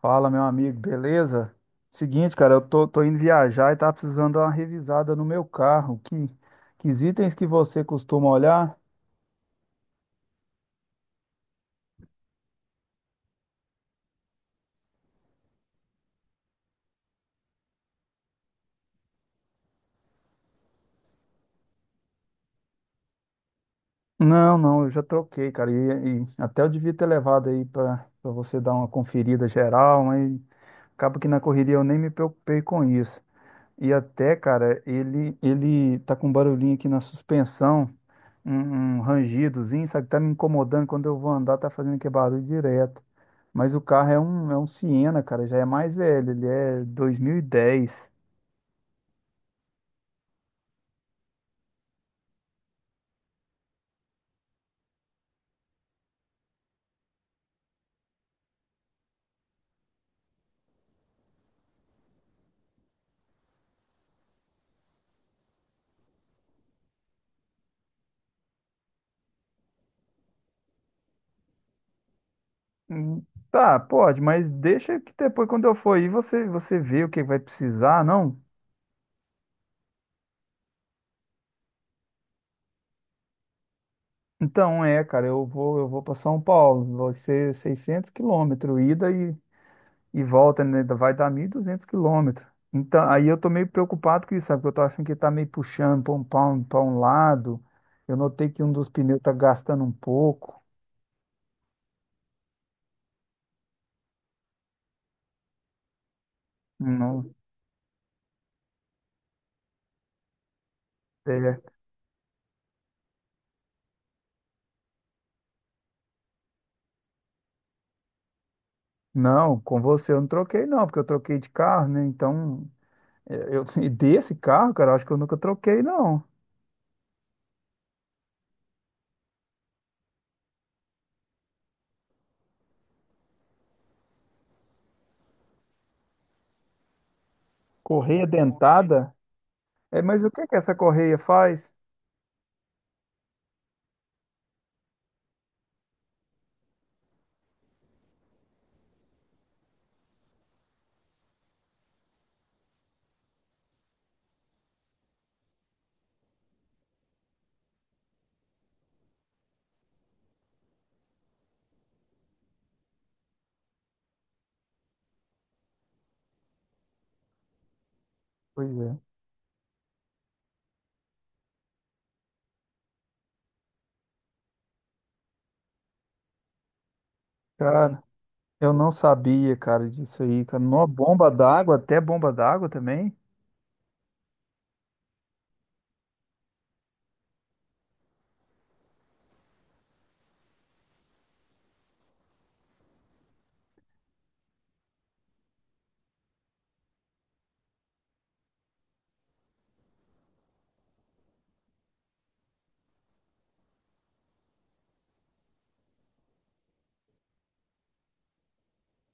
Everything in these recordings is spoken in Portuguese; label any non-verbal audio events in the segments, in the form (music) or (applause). Fala, meu amigo, beleza? Seguinte, cara, eu tô indo viajar e tá precisando dar uma revisada no meu carro. Que itens que você costuma olhar? Não, não, eu já troquei, cara. E até eu devia ter levado aí pra você dar uma conferida geral, mas acaba que na correria eu nem me preocupei com isso. E até, cara, ele tá com um barulhinho aqui na suspensão. Um rangidozinho, sabe? Tá me incomodando quando eu vou andar, tá fazendo aquele barulho direto. Mas o carro é um Siena, cara, já é mais velho, ele é 2010. Hum, Tá, pode, mas deixa que depois quando eu for aí você vê o que vai precisar, não? Então é, cara, eu vou para São Paulo, vai ser 600 quilômetros ida e volta, né, vai dar 1.200 quilômetros. Então, aí eu tô meio preocupado com isso, sabe? Porque eu tô achando que tá meio puxando para um, pra um, pra um lado. Eu notei que um dos pneus tá gastando um pouco. Não, é, não, com você eu não troquei, não, porque eu troquei de carro, né? Então, (laughs) e desse carro, cara, eu acho que eu nunca troquei, não. Correia dentada? É, mas o que que essa correia faz? Pois é. Cara, eu não sabia, cara, disso aí, cara. Nó, bomba d'água, até bomba d'água também.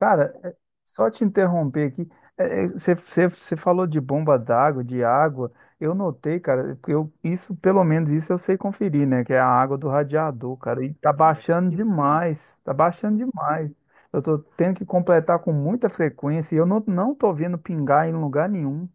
Cara, é- só te interromper aqui, você falou de bomba d'água, de água. Eu notei, cara, porque isso, pelo menos isso eu sei conferir, né? Que é a água do radiador, cara. E tá baixando demais, tá baixando demais. Eu tô tendo que completar com muita frequência e eu não tô vendo pingar em lugar nenhum.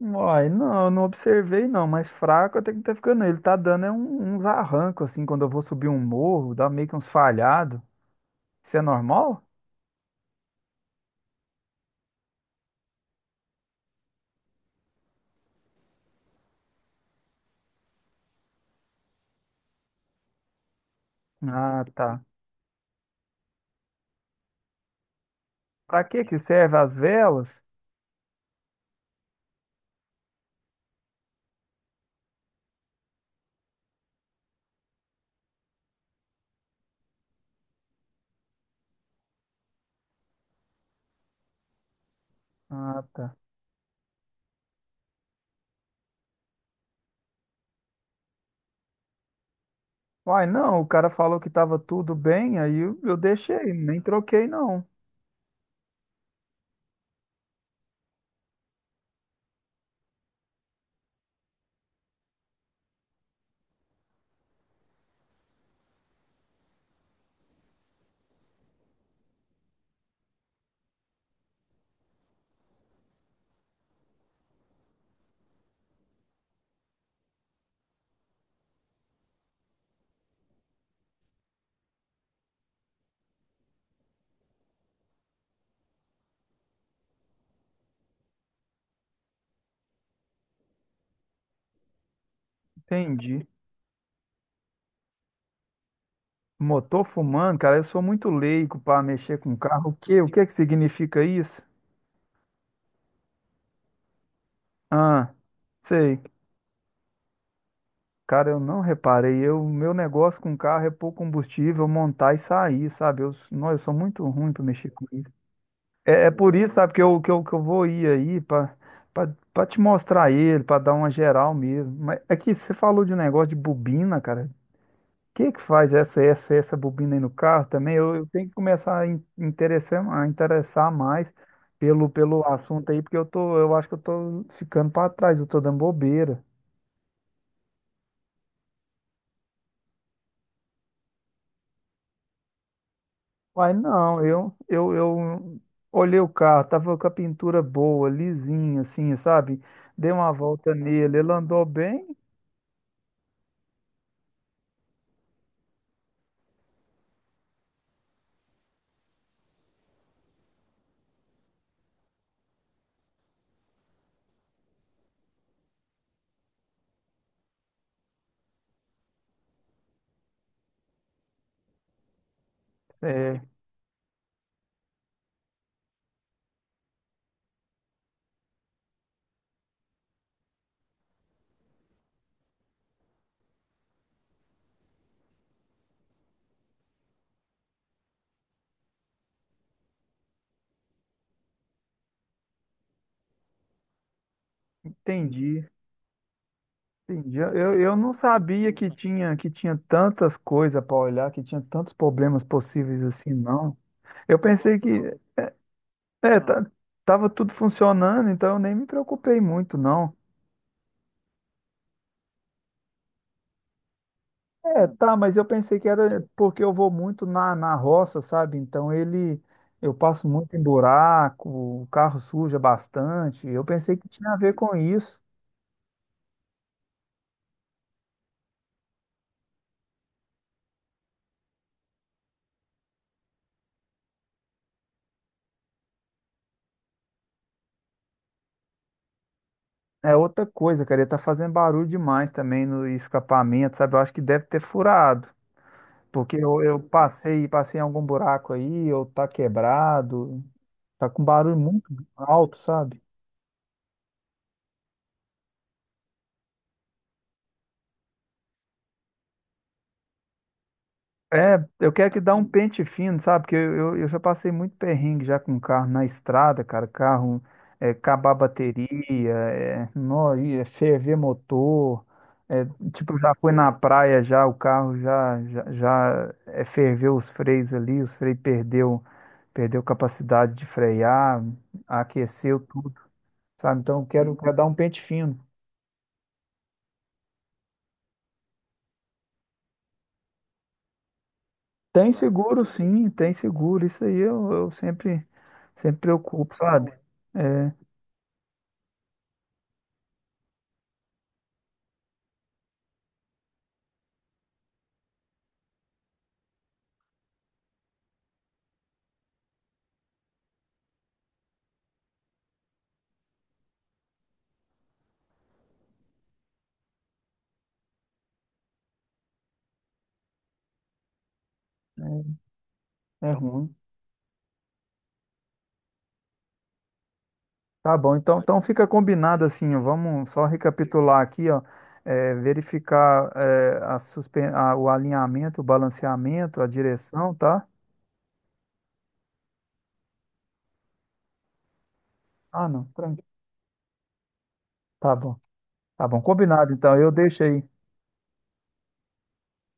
Uai, não, eu não observei não, mas fraco até que tá ficando. Ele tá dando uns arrancos, assim, quando eu vou subir um morro, dá meio que uns falhados. Isso é normal? Ah, tá. Pra que que serve as velas? Ah, tá. Uai, não, o cara falou que tava tudo bem, aí eu deixei, nem troquei não. Entendi. Motor fumando, cara, eu sou muito leigo pra mexer com carro. O quê? O que que significa isso? Ah, sei. Cara, eu não reparei. Eu, meu negócio com carro é pôr combustível, montar e sair, sabe? Eu, não, eu sou muito ruim pra mexer com isso. É, é por isso, sabe, que eu vou ir aí pra te mostrar ele, pra dar uma geral mesmo. Mas aqui você falou de um negócio de bobina, cara. O que que faz essa bobina aí no carro também? Eu tenho que começar a interessar, a interessar mais pelo assunto aí, porque eu acho que eu tô ficando pra trás, eu tô dando bobeira. Uai, não, eu olhei o carro, tava com a pintura boa, lisinho, assim, sabe? Dei uma volta nele, ele andou bem. é, Entendi, entendi. Eu não sabia que tinha tantas coisas para olhar, que tinha tantos problemas possíveis assim, não. Eu pensei que é, tá, tava tudo funcionando, então eu nem me preocupei muito, não. É, tá, mas eu pensei que era porque eu vou muito na roça, sabe? Então ele eu passo muito em buraco, o carro suja bastante. Eu pensei que tinha a ver com isso. É outra coisa, cara, ele tá fazendo barulho demais também no escapamento, sabe? Eu acho que deve ter furado. Porque eu passei, passei em algum buraco aí, ou tá quebrado, tá com barulho muito alto, sabe? É, eu quero que dá um pente fino, sabe? Porque eu já passei muito perrengue já com carro na estrada, cara. Carro é, acabar a bateria, é, nó, e é ferver motor. É, tipo, já foi na praia já, o carro já ferveu os freios ali, os freios perdeu, perdeu capacidade de frear, aqueceu tudo. Sabe? Então quero dar um pente fino. Tem seguro, sim, tem seguro. Isso aí eu sempre preocupo, sabe? É, é é ruim. Tá bom, então, então fica combinado assim, ó, vamos só recapitular aqui, ó, é, verificar é, o alinhamento, o balanceamento, a direção, tá? Ah, não, tranquilo. Tá bom, tá bom, combinado então, eu deixo aí.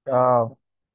Tchau.